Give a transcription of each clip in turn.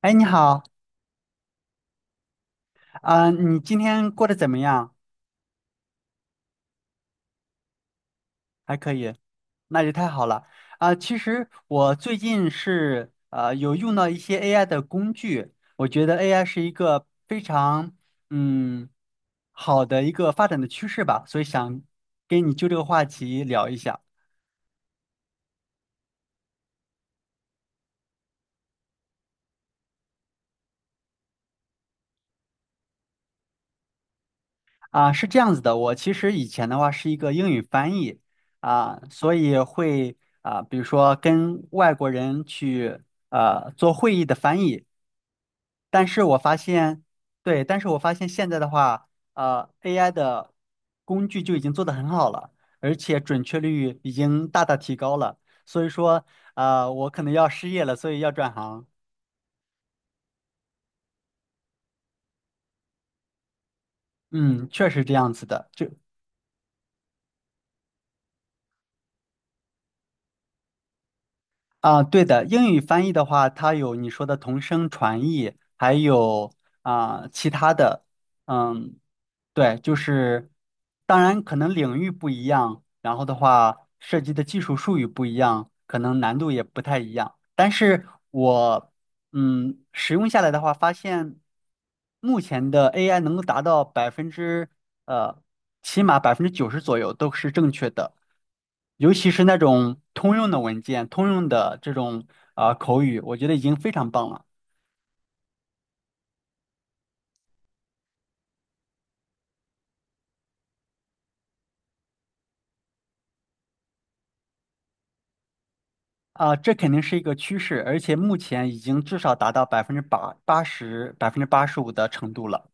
哎，你好。你今天过得怎么样？还可以，那就太好了。其实我最近是有用到一些 AI 的工具，我觉得 AI 是一个非常嗯好的一个发展的趋势吧，所以想跟你就这个话题聊一下。是这样子的，我其实以前的话是一个英语翻译。所以会，比如说跟外国人去做会议的翻译。但是我发现，对，但是我发现现在的话，AI 的工具就已经做得很好了，而且准确率已经大大提高了。所以说，我可能要失业了，所以要转行。嗯，确实这样子的。对的，英语翻译的话，它有你说的同声传译，还有其他的。嗯，对，就是当然可能领域不一样，然后的话涉及的技术术语不一样，可能难度也不太一样。但是我使用下来的话，发现目前的 AI 能够达到百分之呃起码90%左右都是正确的，尤其是那种通用的文件、通用的这种口语，我觉得已经非常棒了。这肯定是一个趋势，而且目前已经至少达到百分之八十、85%的程度了。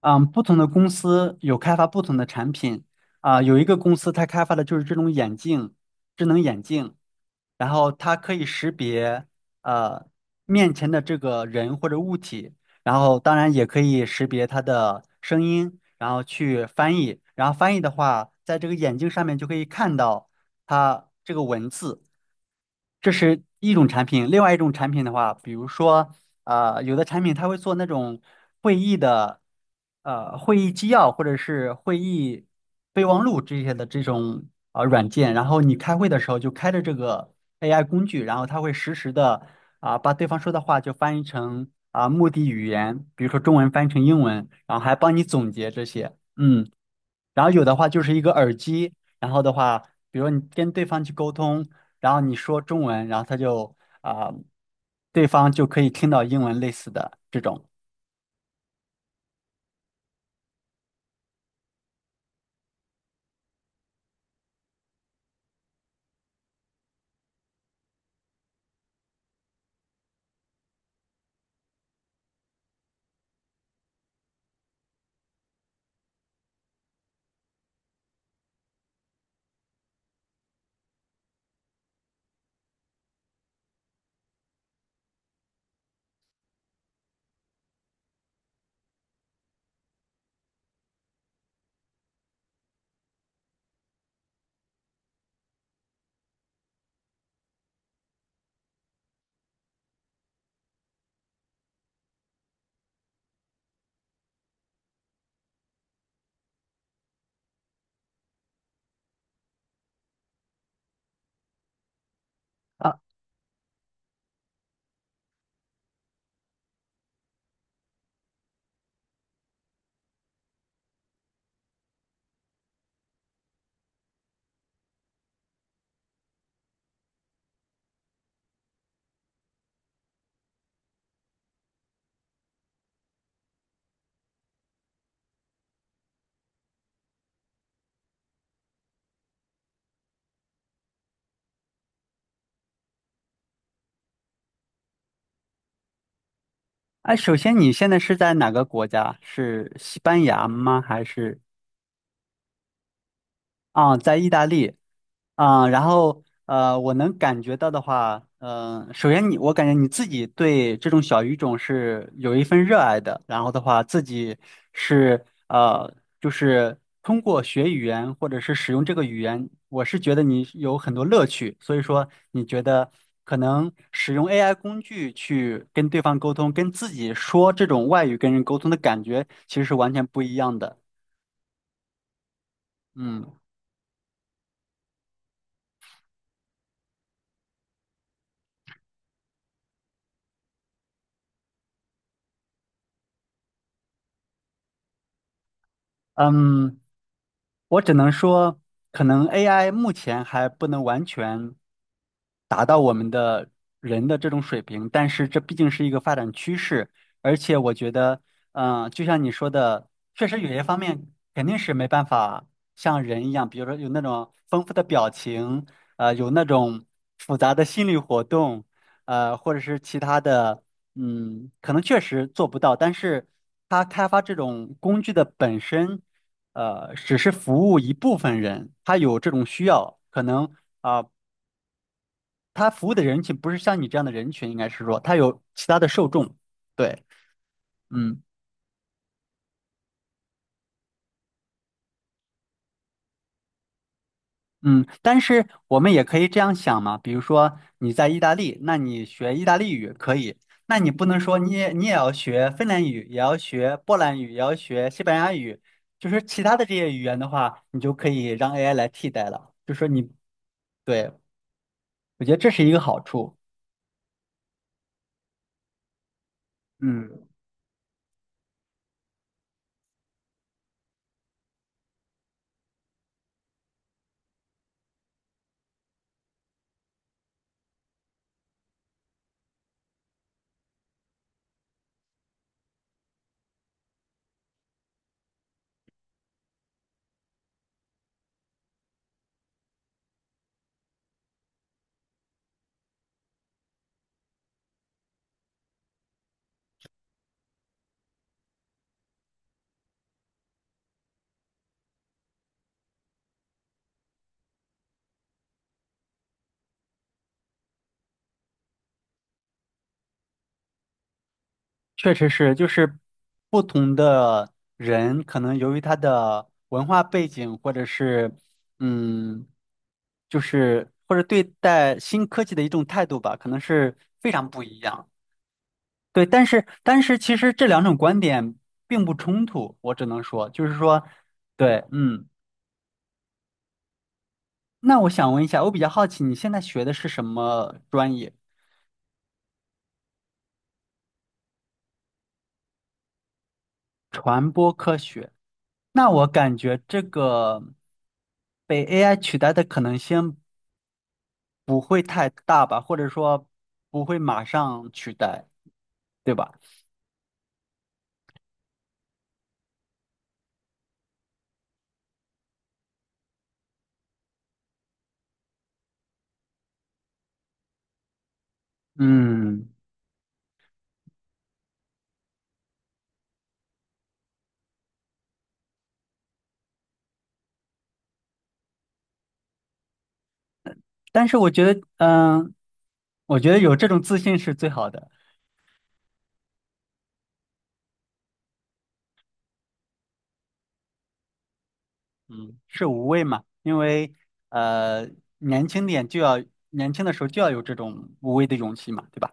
嗯，不同的公司有开发不同的产品。啊，有一个公司它开发的就是这种眼镜，智能眼镜，然后它可以识别呃面前的这个人或者物体，然后当然也可以识别它的声音，然后去翻译，然后翻译的话，在这个眼镜上面就可以看到它这个文字。这是一种产品。另外一种产品的话，比如说，有的产品它会做那种会议的，会议纪要或者是会议备忘录这些的这种软件，然后你开会的时候就开着这个 AI 工具，然后它会实时的把对方说的话就翻译成目的语言，比如说中文翻译成英文，然后还帮你总结这些。嗯。然后有的话就是一个耳机，然后的话，比如你跟对方去沟通，然后你说中文，然后他就啊、对方就可以听到英文类似的这种。啊。哎，首先你现在是在哪个国家？是西班牙吗？还是？啊，在意大利。啊，然后我能感觉到的话，首先你，我感觉你自己对这种小语种是有一份热爱的，然后的话，自己是呃，就是通过学语言或者是使用这个语言，我是觉得你有很多乐趣，所以说你觉得可能使用 AI 工具去跟对方沟通，跟自己说这种外语跟人沟通的感觉，其实是完全不一样的。嗯。嗯，我只能说，可能 AI 目前还不能完全，人的这种水平，但是这毕竟是一个发展趋势，而且我觉得，就像你说的，确实有些方面肯定是没办法像人一样，比如说有那种丰富的表情，有那种复杂的心理活动，或者是其他的，可能确实做不到，但是他开发这种工具的本身。只是服务一部分人，他有这种需要，可能啊、他服务的人群不是像你这样的人群，应该是说他有其他的受众。对。嗯嗯，但是我们也可以这样想嘛，比如说你在意大利，那你学意大利语可以，那你不能说你也要学芬兰语，也要学波兰语，也要学西班牙语，就是其他的这些语言的话，你就可以让 AI 来替代了。就说你，对，我觉得这是一个好处。嗯。确实是，就是不同的人，可能由于他的文化背景，或者是嗯，就是或者对待新科技的一种态度吧，可能是非常不一样。对，但是其实这两种观点并不冲突，我只能说，就是说，对，嗯，那我想问一下，我比较好奇你现在学的是什么专业？传播科学。那我感觉这个被 AI 取代的可能性，不会太大吧，或者说不会马上取代，对吧？嗯，但是我觉得有这种自信是最好的。嗯，是无畏嘛，因为呃，年轻点就要年轻的时候就要有这种无畏的勇气嘛，对吧？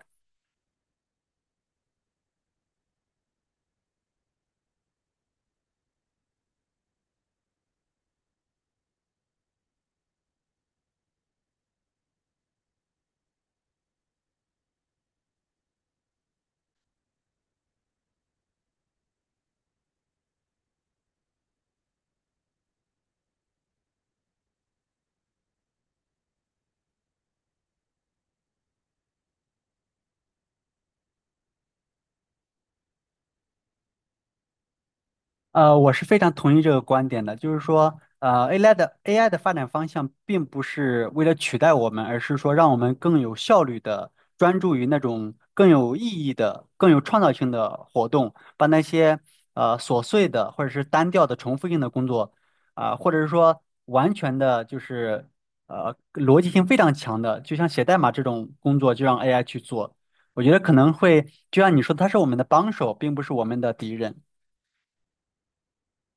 我是非常同意这个观点的，就是说，AI 的发展方向并不是为了取代我们，而是说让我们更有效率的专注于那种更有意义的、更有创造性的活动，把那些琐碎的或者是单调的重复性的工作，或者是说完全的就是逻辑性非常强的，就像写代码这种工作，就让 AI 去做。我觉得可能会，就像你说的，它是我们的帮手，并不是我们的敌人。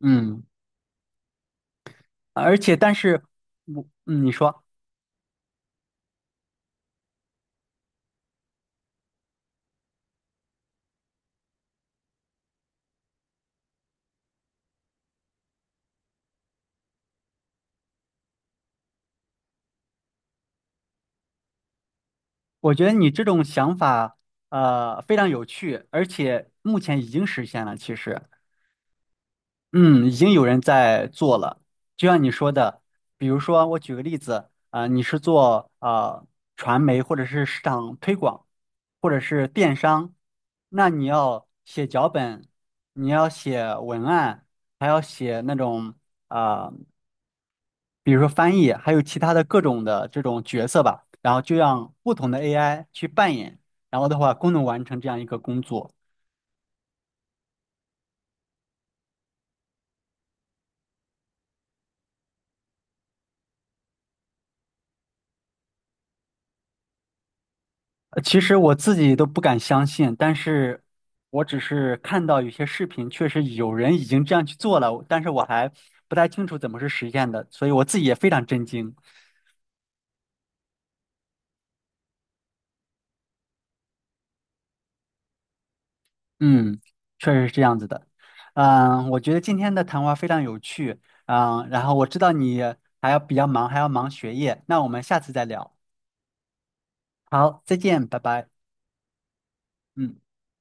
嗯。而且，但是我，你说，我觉得你这种想法，非常有趣，而且目前已经实现了。其实，嗯，已经有人在做了。就像你说的，比如说，我举个例子，你是做传媒或者是市场推广，或者是电商，那你要写脚本，你要写文案，还要写那种。啊、呃比如说翻译，还有其他的各种的这种角色吧，然后就让不同的 AI 去扮演，然后的话共同完成这样一个工作。其实我自己都不敢相信，但是我只是看到有些视频，确实有人已经这样去做了，但是我还不太清楚怎么是实现的，所以我自己也非常震惊。嗯，确实是这样子的。嗯，我觉得今天的谈话非常有趣。嗯，然后我知道你还要比较忙，还要忙学业，那我们下次再聊。好，再见，拜拜。嗯。